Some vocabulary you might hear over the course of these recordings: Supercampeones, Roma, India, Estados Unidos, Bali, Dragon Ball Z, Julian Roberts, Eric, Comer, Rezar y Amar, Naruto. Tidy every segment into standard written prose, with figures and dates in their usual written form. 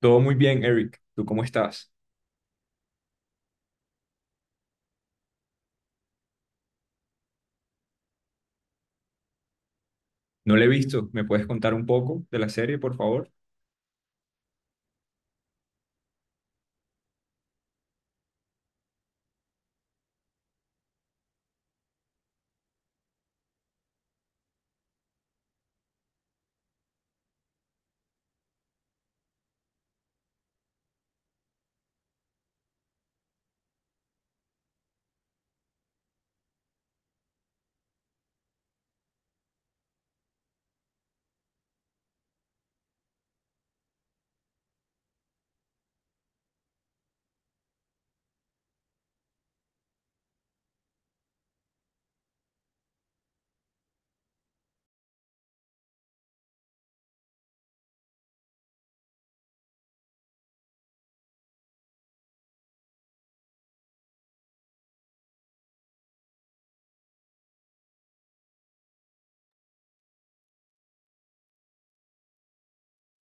Todo muy bien, Eric. ¿Tú cómo estás? No le he visto. ¿Me puedes contar un poco de la serie, por favor?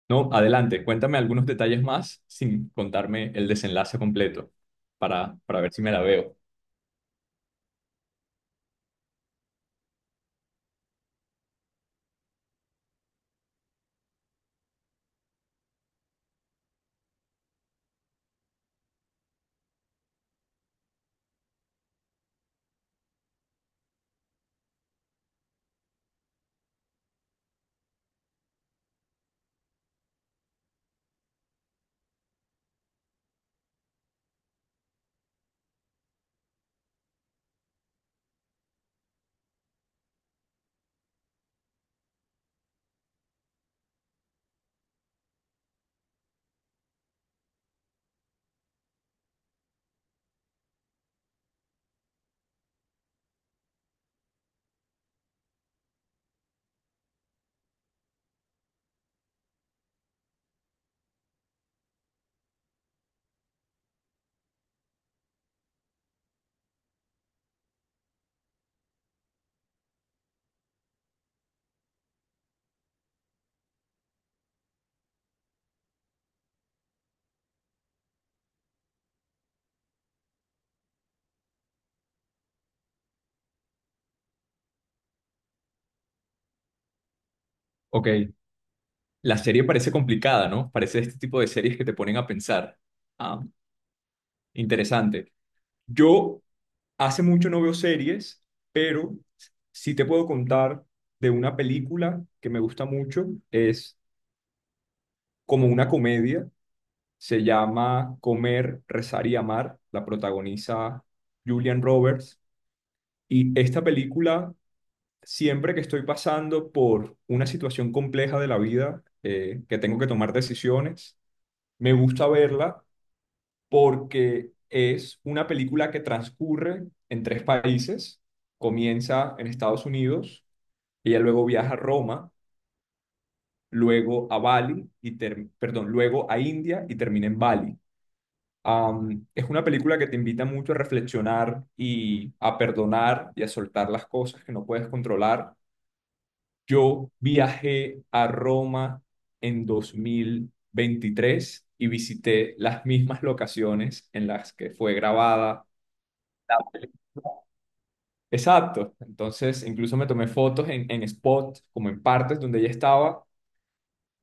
No, adelante. Cuéntame algunos detalles más sin contarme el desenlace completo para ver si me la veo. Ok. La serie parece complicada, ¿no? Parece este tipo de series que te ponen a pensar. Ah, Interesante. Yo hace mucho no veo series, pero sí te puedo contar de una película que me gusta mucho. Es como una comedia. Se llama Comer, Rezar y Amar. La protagoniza Julian Roberts. Y esta película, siempre que estoy pasando por una situación compleja de la vida, que tengo que tomar decisiones, me gusta verla porque es una película que transcurre en tres países. Comienza en Estados Unidos, ella luego viaja a Roma, luego a Bali y perdón, luego a India y termina en Bali. Es una película que te invita mucho a reflexionar y a perdonar y a soltar las cosas que no puedes controlar. Yo viajé a Roma en 2023 y visité las mismas locaciones en las que fue grabada. La peli. Exacto. Entonces, incluso me tomé fotos en spots, como en partes donde ella estaba.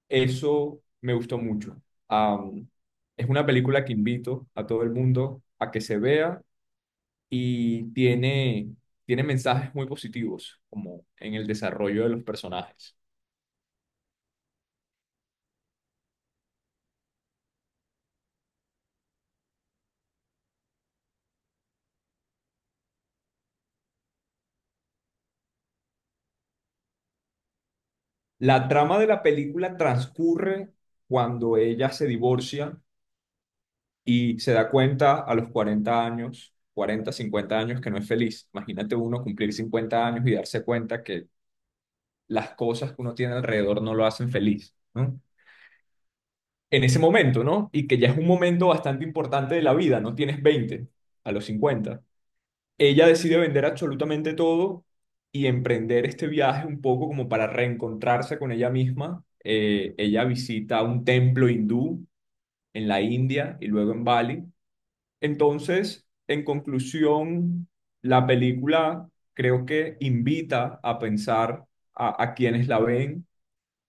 Eso me gustó mucho. Am, es una película que invito a todo el mundo a que se vea y tiene mensajes muy positivos, como en el desarrollo de los personajes. La trama de la película transcurre cuando ella se divorcia y se da cuenta a los 40 años, 40 50 años, que no es feliz. Imagínate uno cumplir cincuenta años y darse cuenta que las cosas que uno tiene alrededor no lo hacen feliz, ¿no? En ese momento, ¿no? Y que ya es un momento bastante importante de la vida, no tienes veinte, a los cincuenta. Ella decide vender absolutamente todo y emprender este viaje un poco como para reencontrarse con ella misma. Ella visita un templo hindú en la India y luego en Bali. Entonces, en conclusión, la película creo que invita a pensar a quienes la ven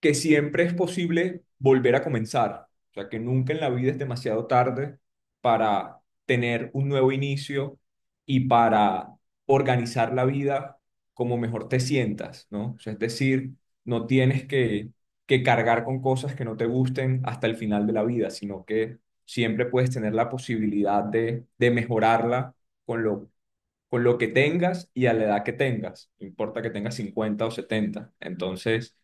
que siempre es posible volver a comenzar. O sea, que nunca en la vida es demasiado tarde para tener un nuevo inicio y para organizar la vida como mejor te sientas, ¿no? O sea, es decir, no tienes que cargar con cosas que no te gusten hasta el final de la vida, sino que siempre puedes tener la posibilidad de mejorarla con con lo que tengas y a la edad que tengas, no importa que tengas 50 o 70. Entonces,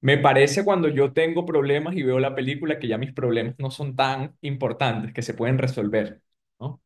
me parece cuando yo tengo problemas y veo la película que ya mis problemas no son tan importantes, que se pueden resolver, ¿no?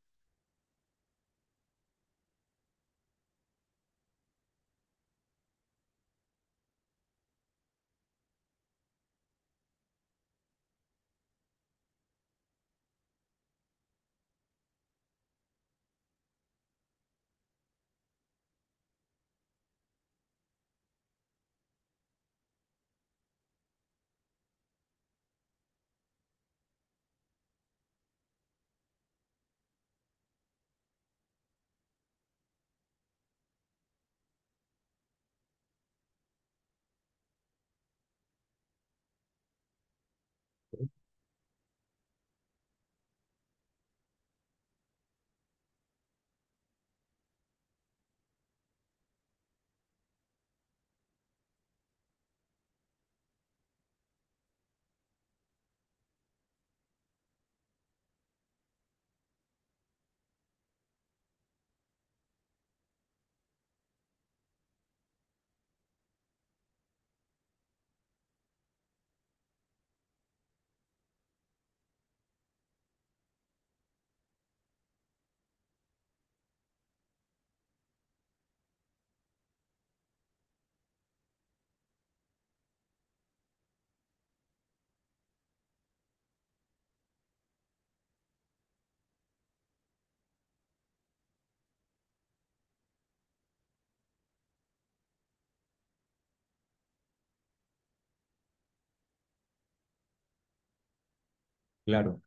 Claro.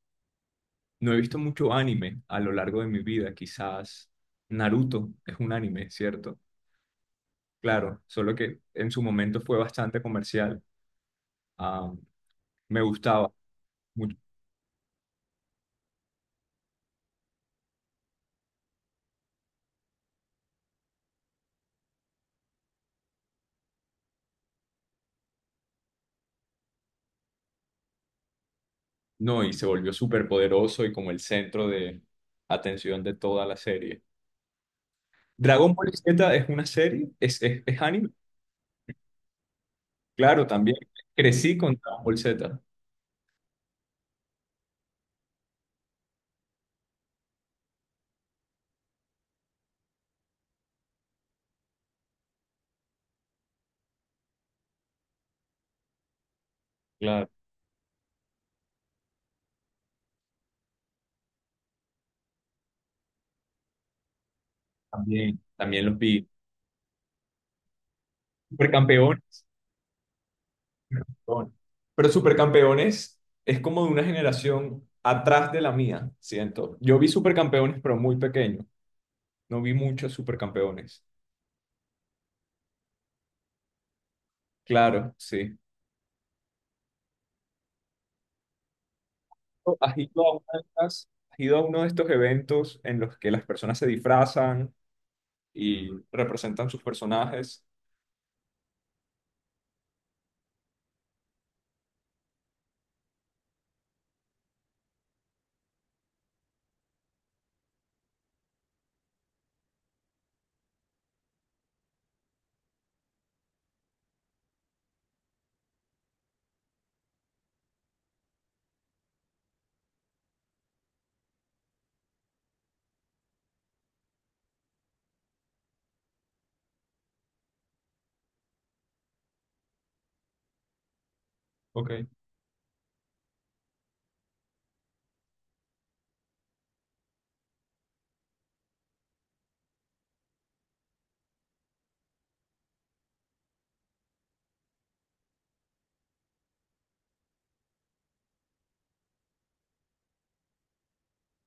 No he visto mucho anime a lo largo de mi vida, quizás Naruto es un anime, ¿cierto? Claro, solo que en su momento fue bastante comercial. Ah, Me gustaba mucho. No, y se volvió súper poderoso y como el centro de atención de toda la serie. Dragon Ball Z es una serie, es anime. Claro, también crecí con Dragon Ball Z. Claro. También los vi. Supercampeones. Supercampeones. Pero Supercampeones es como de una generación atrás de la mía, siento. Yo vi Supercampeones, pero muy pequeño. No vi muchos Supercampeones. Claro, sí. ¿Has ido a uno de estos eventos en los que las personas se disfrazan y representan sus personajes? Ok.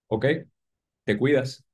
Ok, te cuidas.